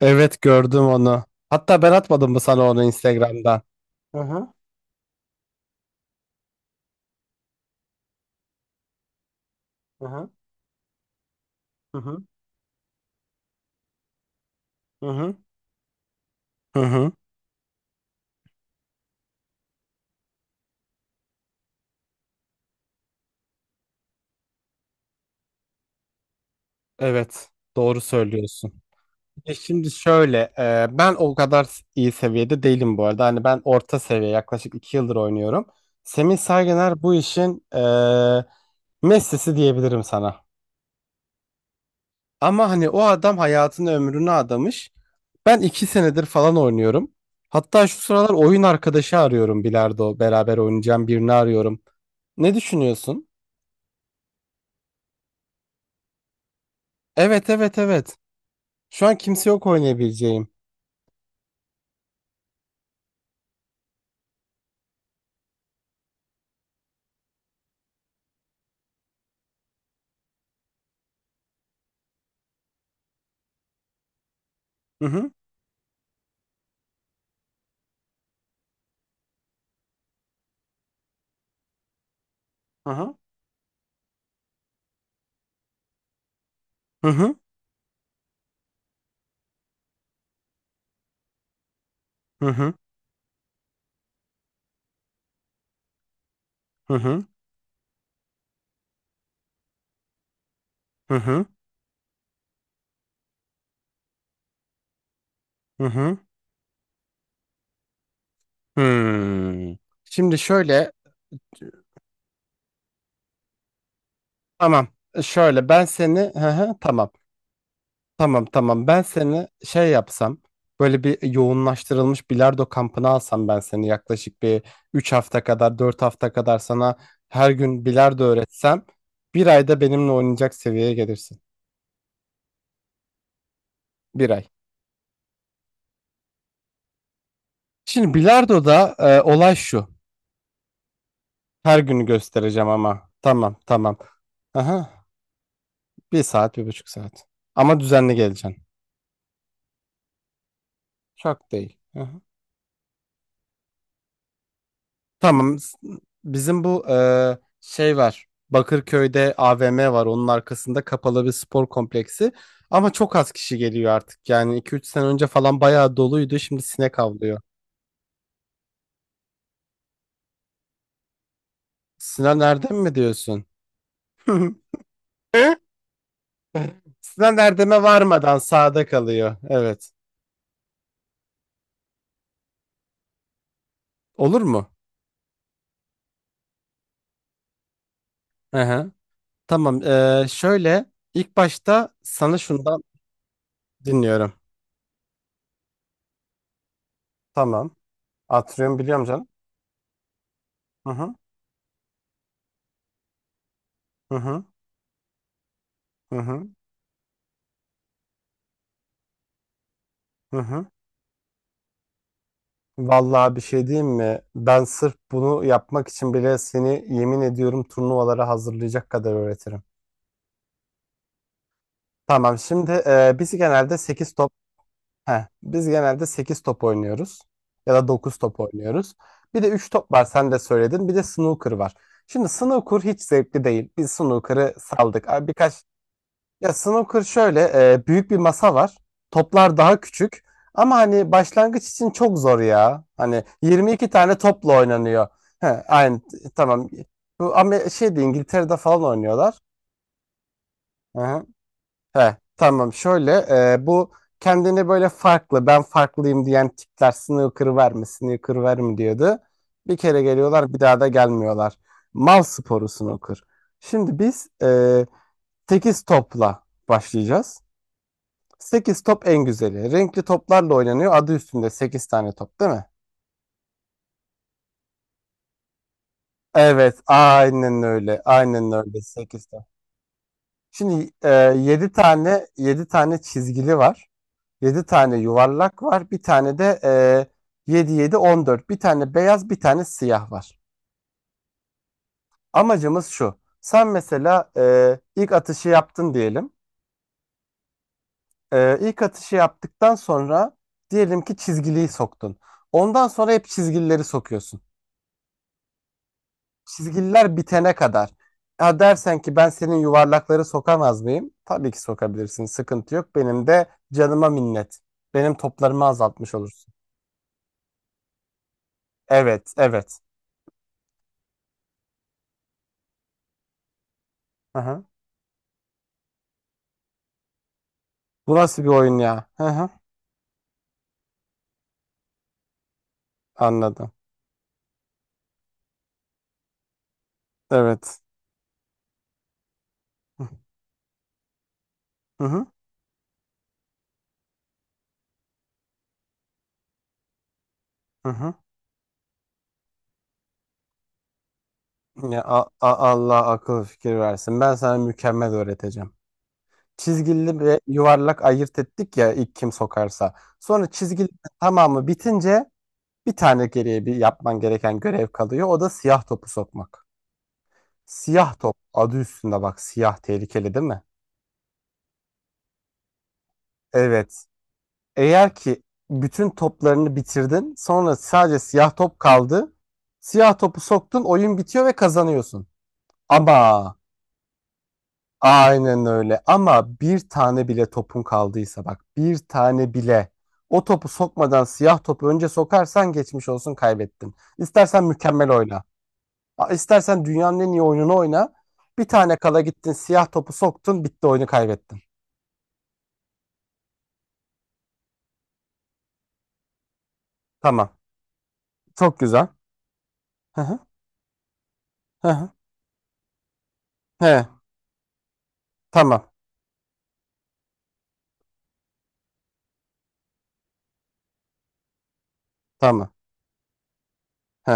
Evet gördüm onu. Hatta ben atmadım mı sana onu Instagram'dan? Hı hı hı hı hı hı hı hı. Hı hı. Evet, doğru söylüyorsun. Şimdi şöyle, ben o kadar iyi seviyede değilim bu arada. Hani ben orta seviye, yaklaşık 2 yıldır oynuyorum. Semih Saygıner bu işin Messi'si diyebilirim sana. Ama hani o adam hayatını ömrünü adamış. Ben 2 senedir falan oynuyorum. Hatta şu sıralar oyun arkadaşı arıyorum bilardo. Beraber oynayacağım birini arıyorum. Ne düşünüyorsun? Evet evet evet. Şu an kimse yok oynayabileceğim. Hı hı. Hı hı. Hı hı. Hı hı. Hı hı. Hı hı. Hı hı. Hmm. Şimdi şöyle tamam. Şöyle ben seni hı hı, tamam. Tamam tamam ben seni şey yapsam böyle bir yoğunlaştırılmış bilardo kampına alsam ben seni yaklaşık bir 3 hafta kadar 4 hafta kadar sana her gün bilardo öğretsem bir ayda benimle oynayacak seviyeye gelirsin. Bir ay. Şimdi bilardoda olay şu her günü göstereceğim ama tamam tamam. Aha, bir saat 1,5 saat ama düzenli geleceksin. Çok değil. Aha. Tamam. Bizim bu şey var. Bakırköy'de AVM var. Onun arkasında kapalı bir spor kompleksi. Ama çok az kişi geliyor artık. Yani 2-3 sene önce falan bayağı doluydu. Şimdi sinek avlıyor. Sinan Erdem mi diyorsun? Sinan Erdem'e varmadan sağda kalıyor. Evet. Olur mu? Hı hı. Tamam. Şöyle ilk başta sana şundan dinliyorum. Tamam. Atrium biliyorum canım. Hı hı. Hı hı. Hı hı. Hı hı. Vallahi bir şey diyeyim mi? Ben sırf bunu yapmak için bile seni yemin ediyorum turnuvalara hazırlayacak kadar öğretirim. Tamam şimdi biz genelde 8 top oynuyoruz ya da dokuz top oynuyoruz. Bir de üç top var sen de söyledin. Bir de snooker var. Şimdi snooker hiç zevkli değil. Biz snooker'ı saldık. Abi birkaç. Ya snooker şöyle büyük bir masa var. Toplar daha küçük. Ama hani başlangıç için çok zor ya. Hani 22 tane topla oynanıyor. He, aynı tamam. Bu ama şeyde İngiltere'de falan oynuyorlar. Hı hı. He, tamam şöyle bu kendini böyle farklı ben farklıyım diyen tipler snooker verme snooker verme diyordu. Bir kere geliyorlar bir daha da gelmiyorlar. Mal sporu snooker. Şimdi biz 8 topla başlayacağız. 8 top en güzeli. Renkli toplarla oynanıyor. Adı üstünde 8 tane top değil mi? Evet, aynen öyle. Aynen öyle 8 tane. Şimdi 7 tane çizgili var. 7 tane yuvarlak var. Bir tane de 7 7 14. Bir tane beyaz, bir tane siyah var. Amacımız şu. Sen mesela ilk atışı yaptın diyelim. İlk atışı yaptıktan sonra diyelim ki çizgiliyi soktun. Ondan sonra hep çizgilileri sokuyorsun. Çizgiler bitene kadar. Ya dersen ki ben senin yuvarlakları sokamaz mıyım? Tabii ki sokabilirsin. Sıkıntı yok. Benim de canıma minnet. Benim toplarımı azaltmış olursun. Evet, evet. Hı hı. Bu nasıl bir oyun ya? Hı hı. Anladım. Evet. Hı hı. Hı hı. Ya Allah akıl fikir versin. Ben sana mükemmel öğreteceğim. Çizgili ve yuvarlak ayırt ettik ya ilk kim sokarsa. Sonra çizgili tamamı bitince bir tane geriye bir yapman gereken görev kalıyor. O da siyah topu sokmak. Siyah top adı üstünde bak siyah tehlikeli değil mi? Evet. Eğer ki bütün toplarını bitirdin sonra sadece siyah top kaldı. Siyah topu soktun oyun bitiyor ve kazanıyorsun. Ama aynen öyle ama bir tane bile topun kaldıysa bak bir tane bile o topu sokmadan siyah topu önce sokarsan geçmiş olsun kaybettin. İstersen mükemmel oyna. İstersen dünyanın en iyi oyununu oyna. Bir tane kala gittin siyah topu soktun bitti oyunu kaybettin. Tamam. Çok güzel. Hı hı. Hı hı. He. Tamam. Tamam. He.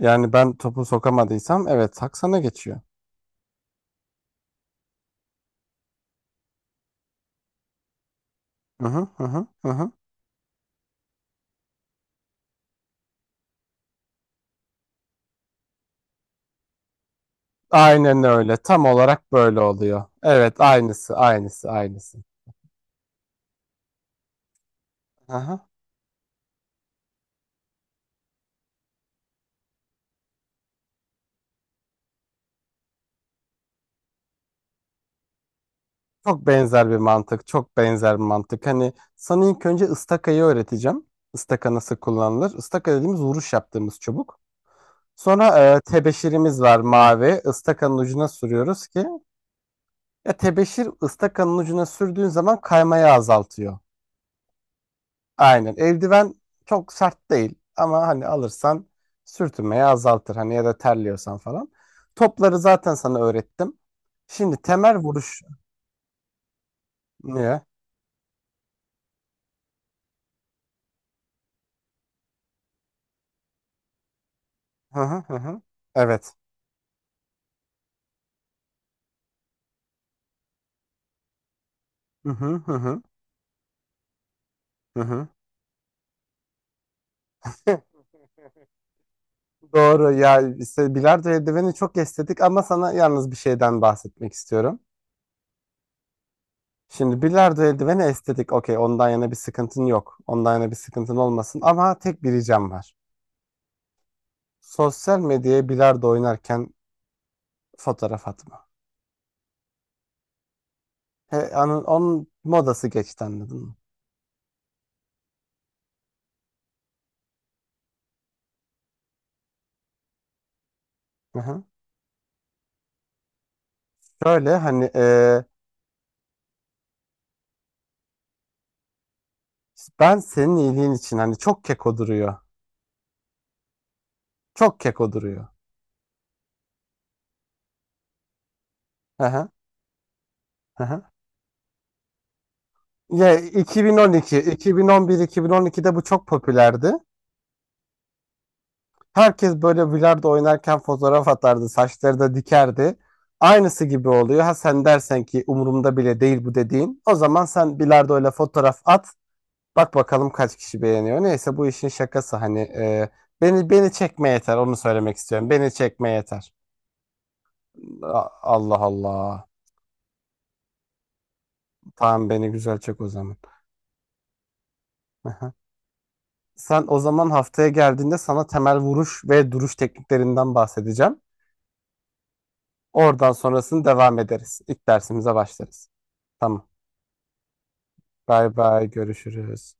Yani ben topu sokamadıysam evet hak sana geçiyor. Hı hı hı hı. Hı hı. Aynen öyle. Tam olarak böyle oluyor. Evet aynısı aynısı aynısı. Hı hı. Çok benzer bir mantık. Çok benzer bir mantık. Hani sana ilk önce ıstakayı öğreteceğim. Istaka nasıl kullanılır? Istaka dediğimiz vuruş yaptığımız çubuk. Sonra tebeşirimiz var mavi. Istakanın ucuna sürüyoruz ki ya tebeşir ıstakanın ucuna sürdüğün zaman kaymayı azaltıyor. Aynen. Eldiven çok sert değil ama hani alırsan sürtünmeyi azaltır. Hani ya da terliyorsan falan. Topları zaten sana öğrettim. Şimdi temel vuruş niye? Hı hı hı. Hı. Evet. Hı hı hı hı. Hı hı. Doğru ya işte bilardo eldiveni çok estetik ama sana yalnız bir şeyden bahsetmek istiyorum. Şimdi bilardo eldiveni estetik. Okey, ondan yana bir sıkıntın yok. Ondan yana bir sıkıntın olmasın. Ama tek bir ricam var. Sosyal medyaya bilardo oynarken fotoğraf atma. He, onun modası geçti anladın mı? Hı-hı. Şöyle hani ben senin iyiliğin için hani çok keko duruyor. Çok keko duruyor. Hı-hı. Hı-hı. Ya 2012, 2011, 2012'de bu çok popülerdi. Herkes böyle bilardo oynarken fotoğraf atardı, saçları da dikerdi. Aynısı gibi oluyor. Ha sen dersen ki umurumda bile değil bu dediğin. O zaman sen bilardoyla fotoğraf at. Bak bakalım kaç kişi beğeniyor. Neyse bu işin şakası hani beni çekme yeter onu söylemek istiyorum. Beni çekme yeter. Allah Allah. Tamam beni güzel çek o zaman. Aha. Sen o zaman haftaya geldiğinde sana temel vuruş ve duruş tekniklerinden bahsedeceğim. Oradan sonrasını devam ederiz. İlk dersimize başlarız. Tamam. Bay bay görüşürüz.